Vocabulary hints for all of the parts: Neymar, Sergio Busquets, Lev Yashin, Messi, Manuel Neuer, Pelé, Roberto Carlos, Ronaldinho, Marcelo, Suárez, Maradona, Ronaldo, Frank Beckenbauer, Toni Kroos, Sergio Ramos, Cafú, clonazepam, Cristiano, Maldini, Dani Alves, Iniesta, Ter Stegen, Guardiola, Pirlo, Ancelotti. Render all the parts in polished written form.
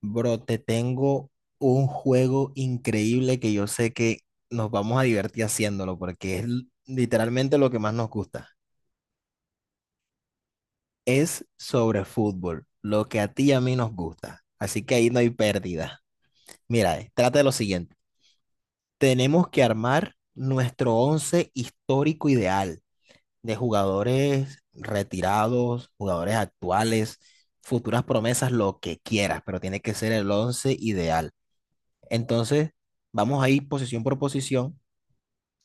Bro, te tengo un juego increíble que yo sé que nos vamos a divertir haciéndolo porque es literalmente lo que más nos gusta. Es sobre fútbol, lo que a ti y a mí nos gusta. Así que ahí no hay pérdida. Mira, trata de lo siguiente. Tenemos que armar nuestro once histórico ideal de jugadores retirados, jugadores actuales, futuras promesas, lo que quieras, pero tiene que ser el once ideal. Entonces, vamos a ir posición por posición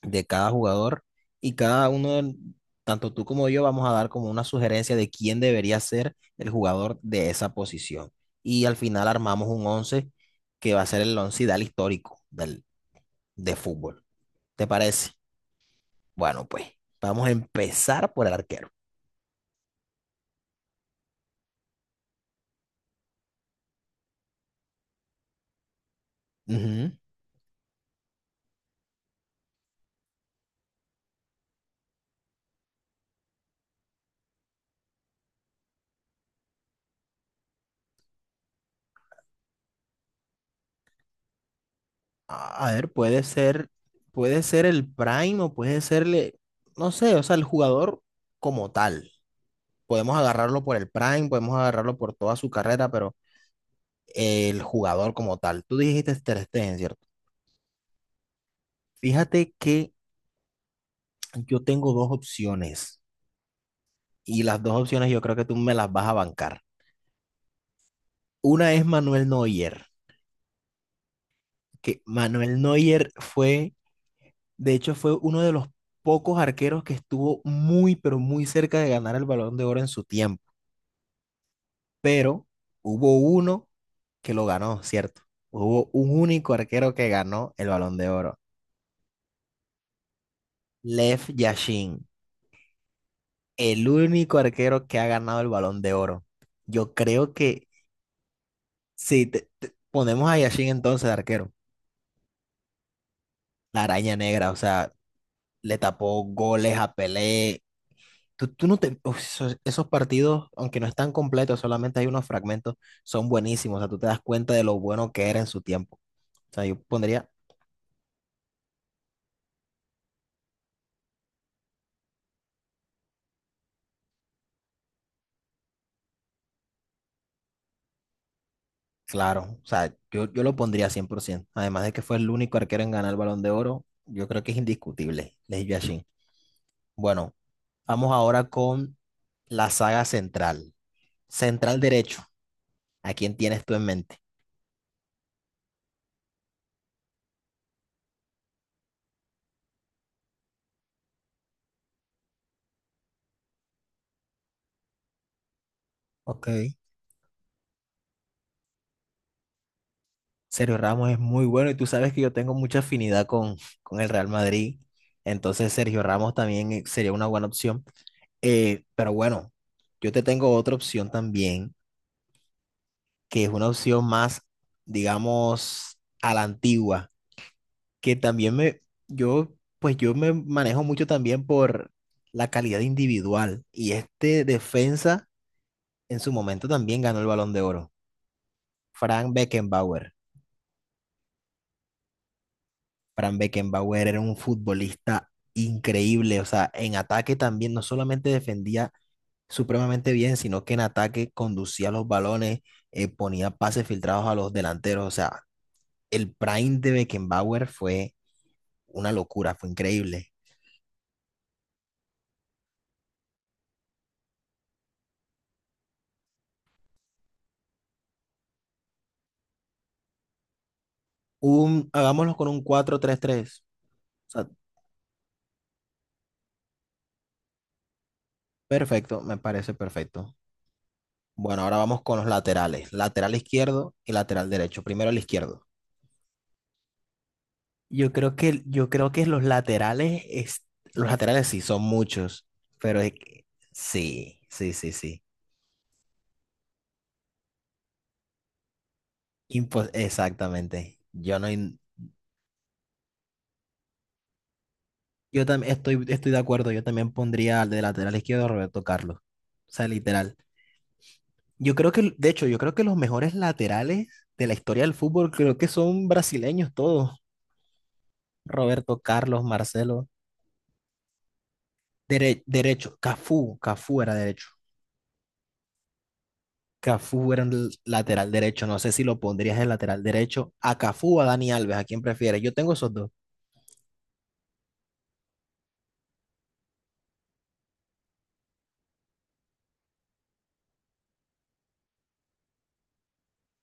de cada jugador y cada uno, tanto tú como yo, vamos a dar como una sugerencia de quién debería ser el jugador de esa posición. Y al final armamos un 11 que va a ser el once ideal histórico de fútbol. ¿Te parece? Bueno, pues vamos a empezar por el arquero. Ujú. A ver, puede ser el prime o puede serle, no sé, o sea, el jugador como tal. Podemos agarrarlo por el prime, podemos agarrarlo por toda su carrera, pero el jugador como tal, tú dijiste Ter Stegen, ¿cierto? Fíjate que yo tengo dos opciones y las dos opciones yo creo que tú me las vas a bancar. Una es Manuel Neuer, que Manuel Neuer fue, de hecho, fue uno de los pocos arqueros que estuvo muy, pero muy cerca de ganar el Balón de Oro en su tiempo, pero hubo uno que lo ganó, ¿cierto? Hubo un único arquero que ganó el Balón de Oro. Lev Yashin, el único arquero que ha ganado el Balón de Oro. Yo creo que si ponemos a Yashin entonces de arquero, la araña negra, o sea, le tapó goles a Pelé. Tú no te, uf, esos partidos, aunque no están completos, solamente hay unos fragmentos, son buenísimos. O sea, tú te das cuenta de lo bueno que era en su tiempo. O sea, yo pondría, claro, o sea, yo lo pondría 100%. Además de que fue el único arquero en ganar el Balón de Oro, yo creo que es indiscutible, Lev Yashin. Bueno, vamos ahora con la saga central. Central derecho. ¿A quién tienes tú en mente? Ok. Sergio Ramos es muy bueno y tú sabes que yo tengo mucha afinidad con el Real Madrid. Entonces Sergio Ramos también sería una buena opción. Pero bueno, yo te tengo otra opción también, que es una opción más, digamos, a la antigua, que también me, yo, pues yo me manejo mucho también por la calidad individual. Y este defensa en su momento también ganó el Balón de Oro. Frank Beckenbauer. Frank Beckenbauer era un futbolista increíble, o sea, en ataque también no solamente defendía supremamente bien, sino que en ataque conducía los balones, ponía pases filtrados a los delanteros, o sea, el prime de Beckenbauer fue una locura, fue increíble. Un, hagámoslo con un 4-3-3. O sea, perfecto, me parece perfecto. Bueno, ahora vamos con los laterales, lateral izquierdo y lateral derecho. Primero el izquierdo. Yo creo que los laterales, los laterales sí son muchos, pero sí, sí, sí, sí. Exactamente. Yo no, yo también estoy, estoy de acuerdo. Yo también pondría al de lateral izquierdo a Roberto Carlos. O sea, literal. Yo creo que, de hecho, yo creo que los mejores laterales de la historia del fútbol creo que son brasileños todos. Roberto Carlos, Marcelo, derecho, Cafú, Cafú era derecho. Cafú era el lateral derecho. No sé si lo pondrías en lateral derecho. A Cafú o a Dani Alves, ¿a quién prefieres? Yo tengo esos dos.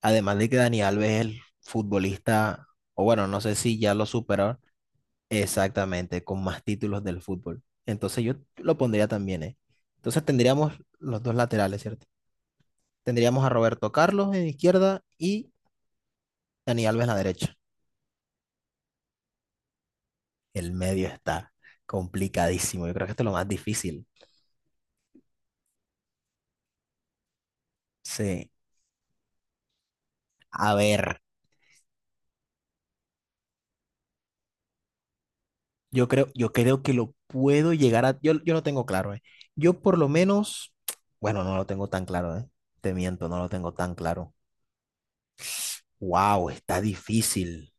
Además de que Dani Alves es el futbolista, o bueno, no sé si ya lo superó exactamente, con más títulos del fútbol. Entonces yo lo pondría también, ¿eh? Entonces tendríamos los dos laterales, ¿cierto? Tendríamos a Roberto Carlos en izquierda y Dani Alves en la derecha. El medio está complicadísimo. Yo creo que esto es lo más difícil. Sí. A ver. Yo creo que lo puedo llegar a. Yo lo tengo claro, ¿eh? Yo por lo menos. Bueno, no lo tengo tan claro, ¿eh? Te miento, no lo tengo tan claro. ¡Wow! Está difícil.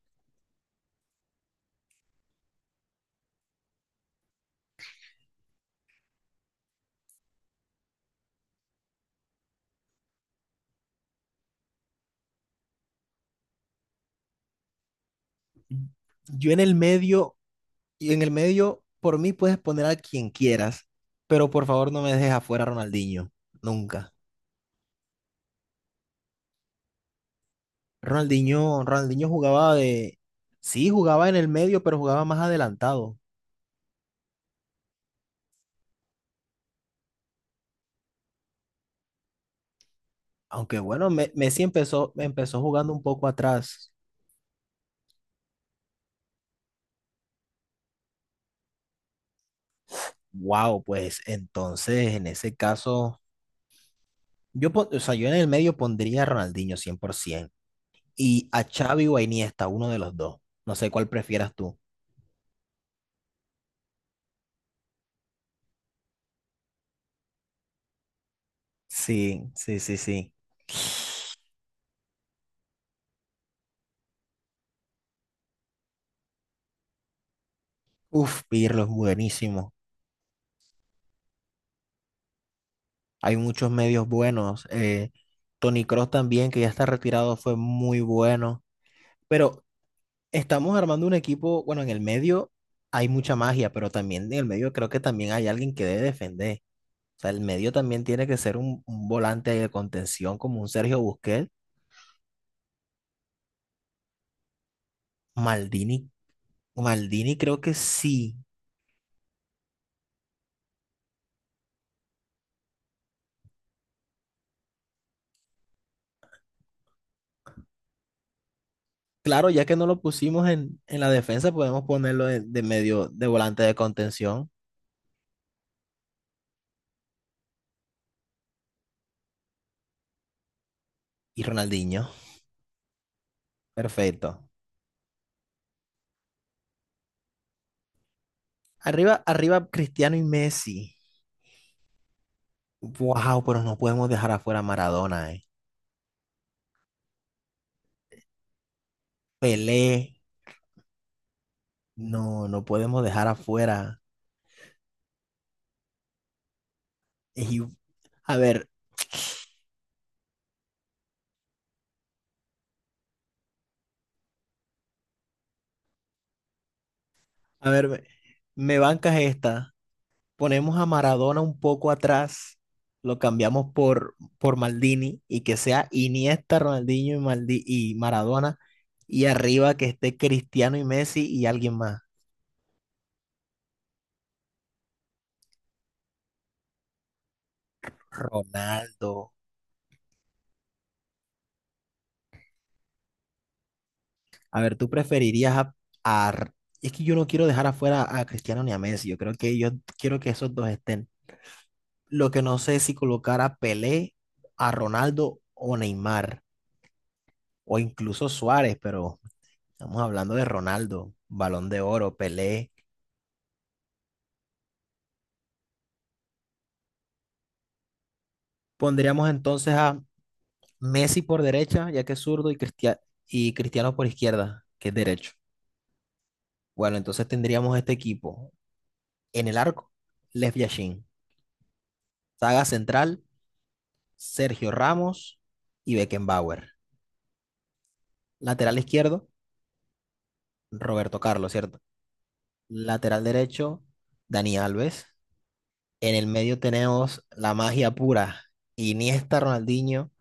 Yo en el medio, y en el medio, por mí puedes poner a quien quieras, pero por favor no me dejes afuera a Ronaldinho. Nunca. Ronaldinho jugaba de. Sí, jugaba en el medio, pero jugaba más adelantado. Aunque bueno, Messi empezó, empezó jugando un poco atrás. Wow, pues entonces en ese caso, yo, o sea, yo en el medio pondría a Ronaldinho 100% y a Xavi o a Iniesta, uno de los dos. No sé cuál prefieras tú. Sí, sí, sí, sí. Uf, Pirlo es buenísimo. Hay muchos medios buenos. Toni Kroos también, que ya está retirado, fue muy bueno. Pero estamos armando un equipo, bueno, en el medio hay mucha magia, pero también en el medio creo que también hay alguien que debe defender. O sea, el medio también tiene que ser un volante de contención como un Sergio Busquets. Maldini, Maldini creo que sí. Claro, ya que no lo pusimos en la defensa, podemos ponerlo de medio de volante de contención. Y Ronaldinho, perfecto. Arriba, arriba Cristiano y Messi. Wow, pero no podemos dejar afuera a Maradona, eh. Pelé, no, no podemos dejar afuera. Y- a ver, a ver, me bancas esta. Ponemos a Maradona un poco atrás, lo cambiamos por Maldini y que sea Iniesta, Ronaldinho y, y Maradona y arriba que esté Cristiano y Messi y alguien más, Ronaldo. A ver, ¿tú preferirías a, a- Es que yo no quiero dejar afuera a Cristiano ni a Messi, yo creo que yo quiero que esos dos estén. Lo que no sé es si colocar a Pelé, a Ronaldo o Neymar o incluso Suárez, pero estamos hablando de Ronaldo, Balón de Oro, Pelé. Pondríamos entonces a Messi por derecha, ya que es zurdo, y, y Cristiano por izquierda, que es derecho. Bueno, entonces tendríamos este equipo. En el arco, Lev Yashin. Saga central, Sergio Ramos y Beckenbauer. Lateral izquierdo, Roberto Carlos, ¿cierto? Lateral derecho, Dani Alves. En el medio tenemos la magia pura, Iniesta, Ronaldinho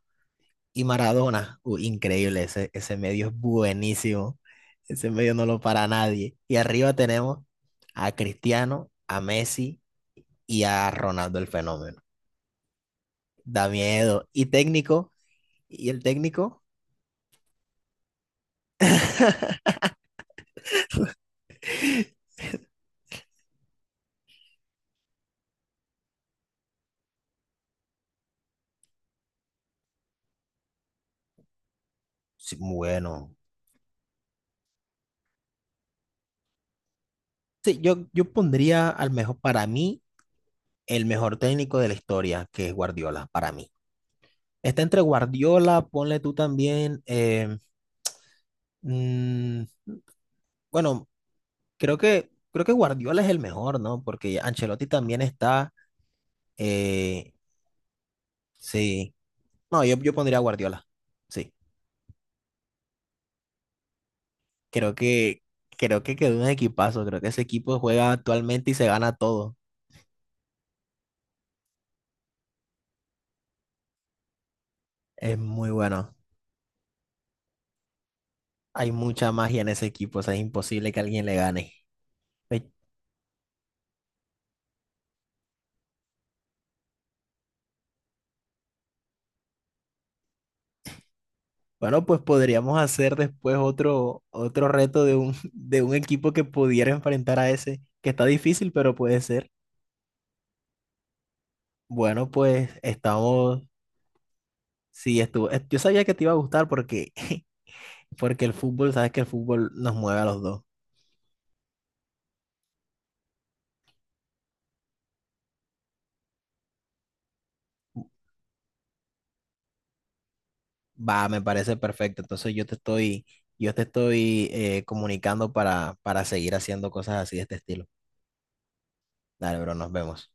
y Maradona, increíble, ese medio es buenísimo. Ese medio no lo para nadie. Y arriba tenemos a Cristiano, a Messi y a Ronaldo el Fenómeno. Da miedo. Y técnico, y el técnico, sí, bueno. Sí, yo pondría al mejor, para mí, el mejor técnico de la historia, que es Guardiola, para mí. Está entre Guardiola, ponle tú también, mm, bueno, creo que, creo que Guardiola es el mejor, ¿no? Porque Ancelotti también está. eh, sí. No, yo pondría a Guardiola. Sí. Creo que, creo que quedó un equipazo. Creo que ese equipo juega actualmente y se gana todo. Es muy bueno. Hay mucha magia en ese equipo. O sea, es imposible que alguien le gane. Eh, Bueno, pues podríamos hacer después otro, otro reto de un, de un equipo que pudiera enfrentar a ese, que está difícil, pero puede ser. Bueno, pues estamos. Sí, estuvo. Yo sabía que te iba a gustar porque, porque el fútbol, sabes que el fútbol nos mueve a los dos. Va, me parece perfecto. Entonces yo te estoy comunicando para seguir haciendo cosas así de este estilo. Dale, bro, nos vemos.